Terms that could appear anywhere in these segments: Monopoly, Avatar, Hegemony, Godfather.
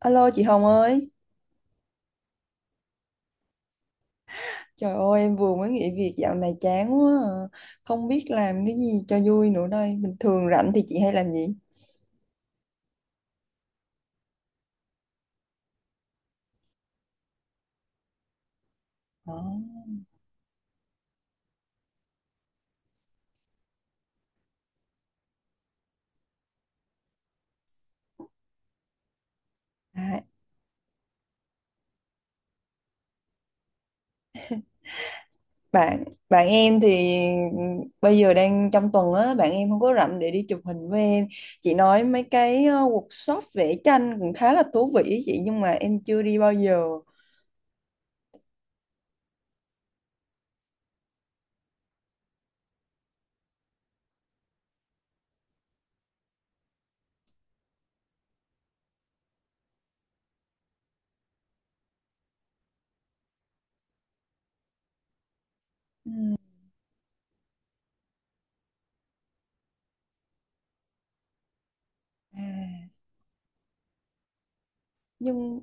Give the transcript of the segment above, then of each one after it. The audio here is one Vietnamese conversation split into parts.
Alo chị Hồng ơi, trời ơi em vừa mới nghỉ việc dạo này chán quá à. Không biết làm cái gì cho vui nữa đây. Bình thường rảnh thì chị hay làm gì? Ờ, À, bạn bạn em thì ừ, bây giờ đang trong tuần á, bạn em không có rảnh để đi chụp hình với em. Chị nói mấy cái workshop vẽ tranh cũng khá là thú vị ý chị nhưng mà em chưa đi bao giờ. ừ, à, Nhưng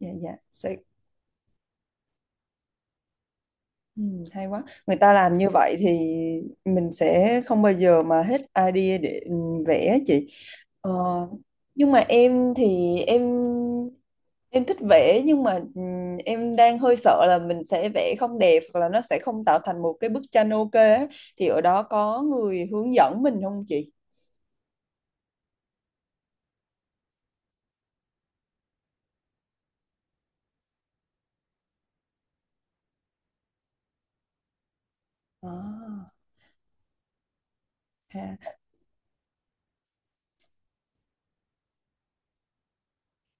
dạ, dạ sẽ. Ừ, hay quá. Người ta làm như vậy thì mình sẽ không bao giờ mà hết idea để vẽ chị. Ờ, nhưng mà em thì em thích vẽ nhưng mà em đang hơi sợ là mình sẽ vẽ không đẹp hoặc là nó sẽ không tạo thành một cái bức tranh ok á. Thì ở đó có người hướng dẫn mình không chị? À, ha,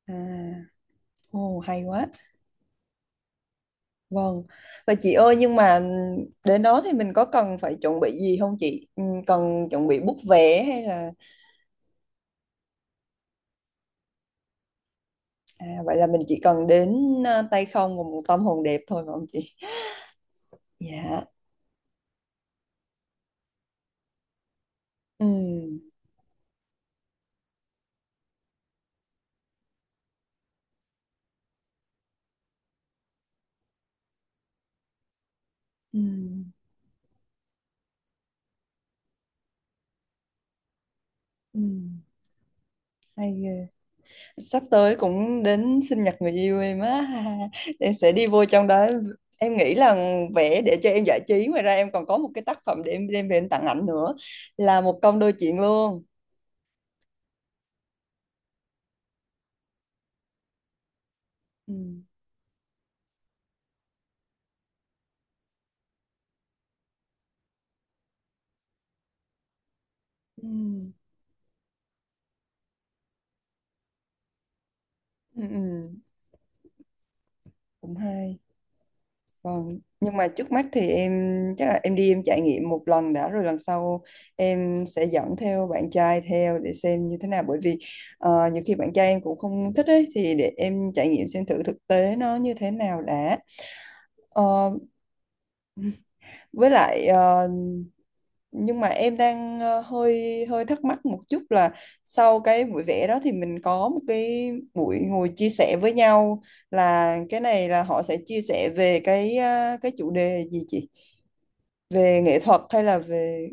à, Ồ, hay quá. Vâng. Và chị ơi nhưng mà đến đó thì mình có cần phải chuẩn bị gì không chị? Ừ, cần chuẩn bị bút vé hay là à, vậy là mình chỉ cần đến à, tay không và một tâm hồn đẹp thôi phải không chị? Dạ. Ừ. Ừ. Ừ. Hay ghê. Sắp tới cũng đến sinh nhật người yêu em á. Em sẽ đi vô trong đó. Em nghĩ là vẽ để cho em giải trí, ngoài ra em còn có một cái tác phẩm để em đem về em tặng ảnh nữa, là một công đôi chuyện luôn. Ừ. Ừ. Ừ. Ừ. Cũng hay. Vâng, nhưng mà trước mắt thì em chắc là em đi em trải nghiệm một lần đã, rồi lần sau em sẽ dẫn theo bạn trai theo để xem như thế nào, bởi vì nhiều khi bạn trai em cũng không thích ấy, thì để em trải nghiệm xem thử thực tế nó như thế nào đã. Ờ, với lại nhưng mà em đang ờ, hơi hơi thắc mắc một chút là sau cái buổi vẽ đó thì mình có một cái buổi ngồi chia sẻ với nhau, là cái này là họ sẽ chia sẻ về cái cái chủ đề gì chị, về nghệ thuật hay là về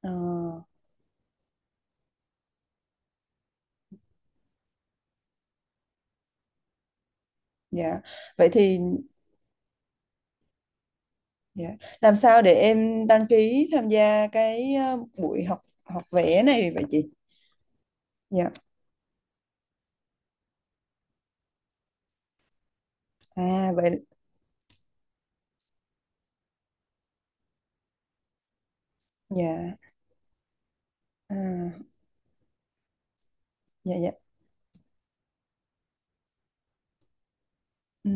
ờ, dạ, vậy thì dạ. Làm sao để em đăng ký tham gia cái ờ, buổi học học vẽ này vậy chị? Dạ à vậy dạ à dạ dạ ừ.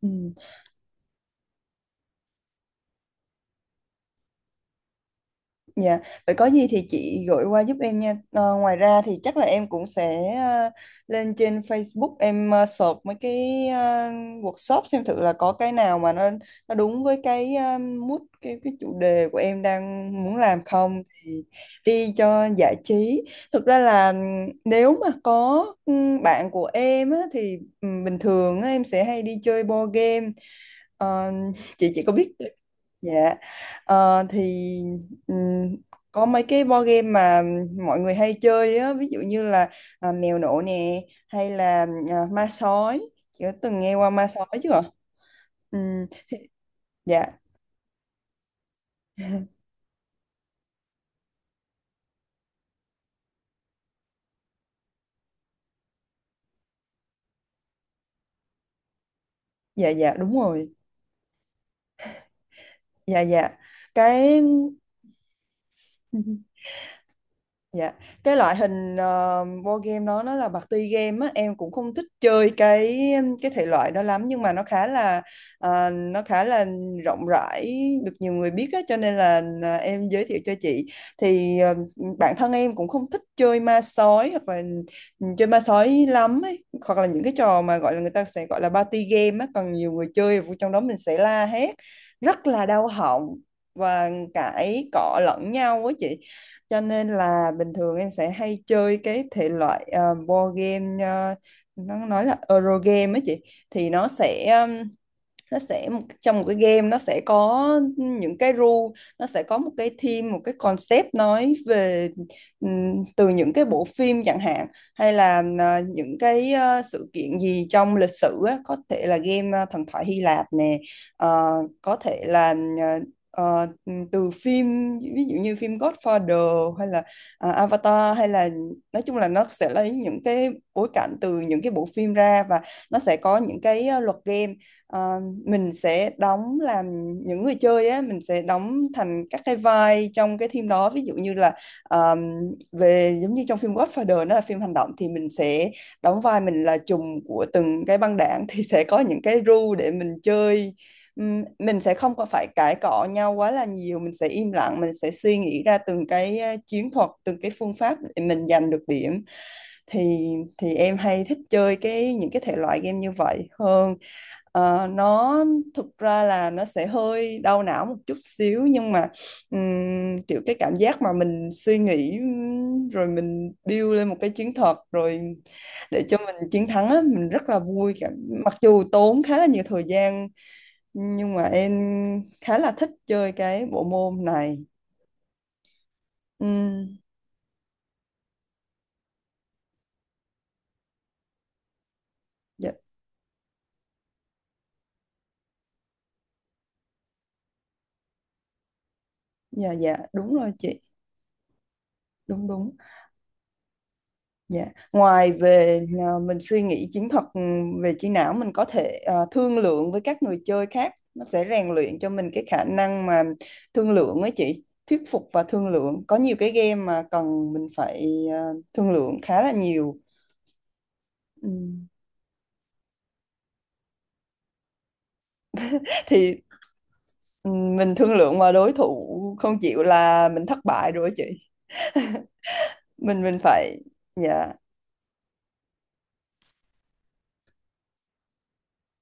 Ừ. Dạ, vậy có gì thì chị gửi qua giúp em nha. Ờ, Ngoài ra thì chắc là em cũng sẽ lên trên Facebook em search mấy cái workshop xem thử là có cái nào mà nó đúng với cái mood cái chủ đề của em đang muốn làm không, thì đi cho giải trí. Thực ra là nếu mà có bạn của em á, thì bình thường á, em sẽ hay đi chơi board game. Ờ, chị có biết dạ, ờ, thì ừm, có mấy cái board game mà mọi người hay chơi á, ví dụ như là à, mèo nổ nè, hay là à, ma sói, chị có từng nghe qua ma sói chưa ạ? Ừm, dạ, dạ dạ đúng rồi, dạ, dạ cái Dạ, cái loại hình board game đó nó là party game á, em cũng không thích chơi cái thể loại đó lắm, nhưng mà nó khá là nó khá là rộng rãi, được nhiều người biết á, cho nên là em giới thiệu cho chị. Thì bản thân em cũng không thích chơi ma sói hoặc là chơi ma sói lắm ấy, hoặc là những cái trò mà gọi là người ta sẽ gọi là party game á, còn nhiều người chơi vô trong đó mình sẽ la hét rất là đau họng và cãi cọ lẫn nhau á chị, cho nên là bình thường em sẽ hay chơi cái thể loại board game nó nói là Euro game ấy chị, thì nó sẽ trong một cái game nó sẽ có những cái rule, nó sẽ có một cái theme, một cái concept nói về từ những cái bộ phim chẳng hạn, hay là à, những cái à, sự kiện gì trong lịch sử á, có thể là game à, thần thoại Hy Lạp nè, ờ, có thể là ờ, từ phim, ví dụ như phim Godfather hay là à, Avatar hay là nói chung là nó sẽ lấy những cái bối cảnh từ những cái bộ phim ra, và nó sẽ có những cái à, luật game. Ờ, mình sẽ đóng làm những người chơi á, mình sẽ đóng thành các cái vai trong cái phim đó, ví dụ như là ờm, về giống như trong phim Godfather nó là phim hành động thì mình sẽ đóng vai mình là trùm của từng cái băng đảng, thì sẽ có những cái rule để mình chơi. Mình sẽ không có phải cãi cọ nhau quá là nhiều, mình sẽ im lặng, mình sẽ suy nghĩ ra từng cái chiến thuật, từng cái phương pháp để mình giành được điểm, thì thì em hay thích chơi cái những cái thể loại game như vậy hơn. Ờ, nó thực ra là nó sẽ hơi đau não một chút xíu, nhưng mà kiểu cái cảm giác mà mình suy nghĩ rồi mình build lên một cái chiến thuật rồi để cho mình chiến thắng á, mình rất là vui cảm, mặc dù tốn khá là nhiều thời gian, nhưng mà em khá là thích chơi cái bộ môn này. Ừm, dạ dạ dạ, đúng rồi chị, đúng đúng. Dạ. Ngoài về à, mình suy nghĩ chiến thuật về trí não, mình có thể à, thương lượng với các người chơi khác, nó sẽ rèn luyện cho mình cái khả năng mà thương lượng ấy chị, thuyết phục và thương lượng, có nhiều cái game mà cần mình phải à, thương lượng khá là nhiều. Ừ. Thì ừ, mình thương lượng mà đối thủ không chịu là mình thất bại rồi ấy chị, mình phải dạ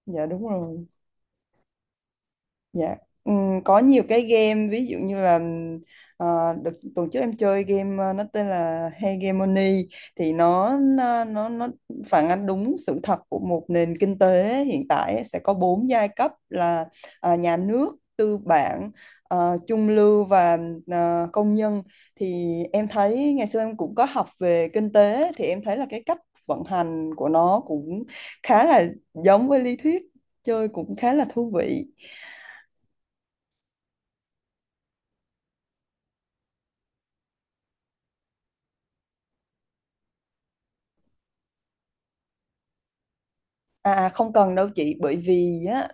dạ đúng rồi. Dạ. Có nhiều cái game ví dụ như là đợt tuần trước em chơi game nó tên là Hegemony, thì nó phản ánh đúng sự thật của một nền kinh tế hiện tại ấy. Sẽ có 4 giai cấp là nhà nước, tư bản, trung lưu và công nhân. Thì em thấy ngày xưa em cũng có học về kinh tế, thì em thấy là cái cách vận hành của nó cũng khá là giống với lý thuyết, chơi cũng khá là thú vị. Không cần đâu chị, bởi vì á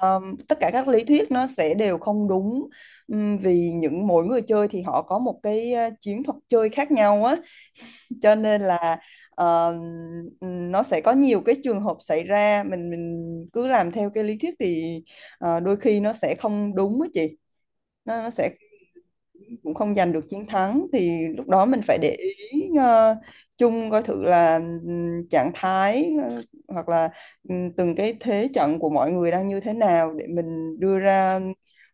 tất cả các lý thuyết nó sẽ đều không đúng. Vì những mỗi người chơi thì họ có một cái chiến thuật chơi khác nhau á, cho nên là um, nó sẽ có nhiều cái trường hợp xảy ra, mình cứ làm theo cái lý thuyết thì đôi khi nó sẽ không đúng á chị, nó sẽ cũng không giành được chiến thắng, thì lúc đó mình phải để ý chung coi thử là trạng thái hoặc là từng cái thế trận của mọi người đang như thế nào để mình đưa ra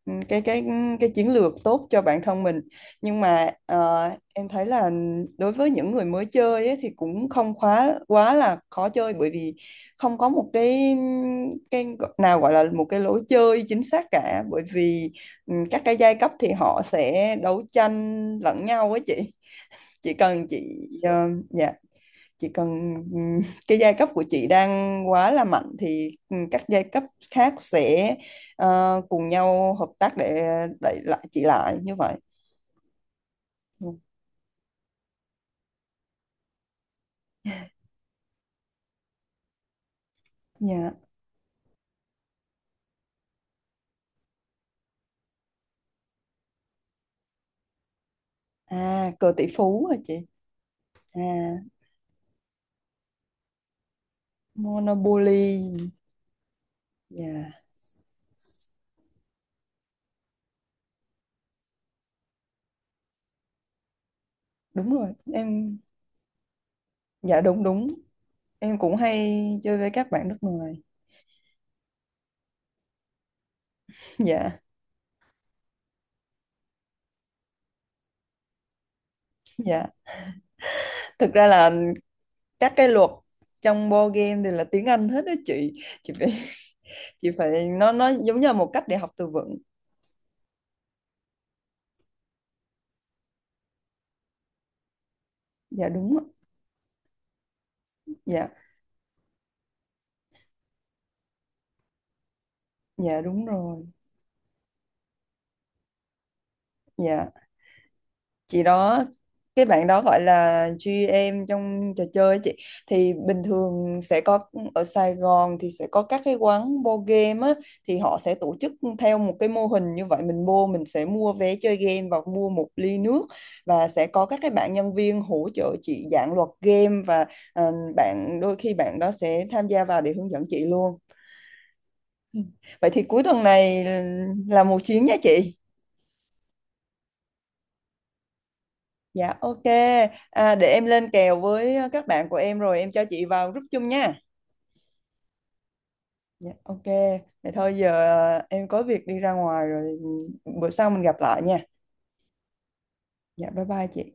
ừm, cái cái cái chiến lược tốt cho bản thân mình. Nhưng mà em thấy là đối với những người mới chơi ấy, thì cũng không quá quá là khó chơi, bởi vì không có một cái cái nào gọi là một cái lối chơi chính xác cả, bởi vì ừ, các cái giai cấp thì họ sẽ đấu tranh lẫn nhau á chị, chỉ cần chị dạ, chỉ cần cái giai cấp của chị đang quá là mạnh thì các giai cấp khác sẽ cùng nhau hợp tác để đẩy lại chị lại như vậy. Ừ. Dạ, à, cờ tỷ phú hả chị? À, Monopoly. Dạ, đúng rồi em, dạ, đúng đúng. Em cũng hay chơi với các bạn nước ngoài. Dạ, dạ, thực ra là các cái luật trong board game thì là tiếng Anh hết đó chị, chị phải chị phải nó giống như là một cách để học từ vựng. Dạ đúng ạ, dạ, dạ đúng rồi, dạ chị đó, cái bạn đó gọi là GM trong trò chơi ấy chị, thì bình thường sẽ có ở Sài Gòn thì sẽ có các cái quán board game á, thì họ sẽ tổ chức theo một cái mô hình như vậy, mình mua mình sẽ mua vé chơi game và mua một ly nước, và sẽ có các cái bạn nhân viên hỗ trợ chị giảng luật game, và bạn đôi khi bạn đó sẽ tham gia vào để hướng dẫn chị luôn. Ừ. Vậy thì cuối tuần này là một chuyến nha chị. Dạ ok. À, để em lên kèo với các bạn của em rồi em cho chị vào group chung nha. Dạ ok. Vậy thôi giờ em có việc đi ra ngoài rồi, bữa sau mình gặp lại nha. Dạ bye bye chị.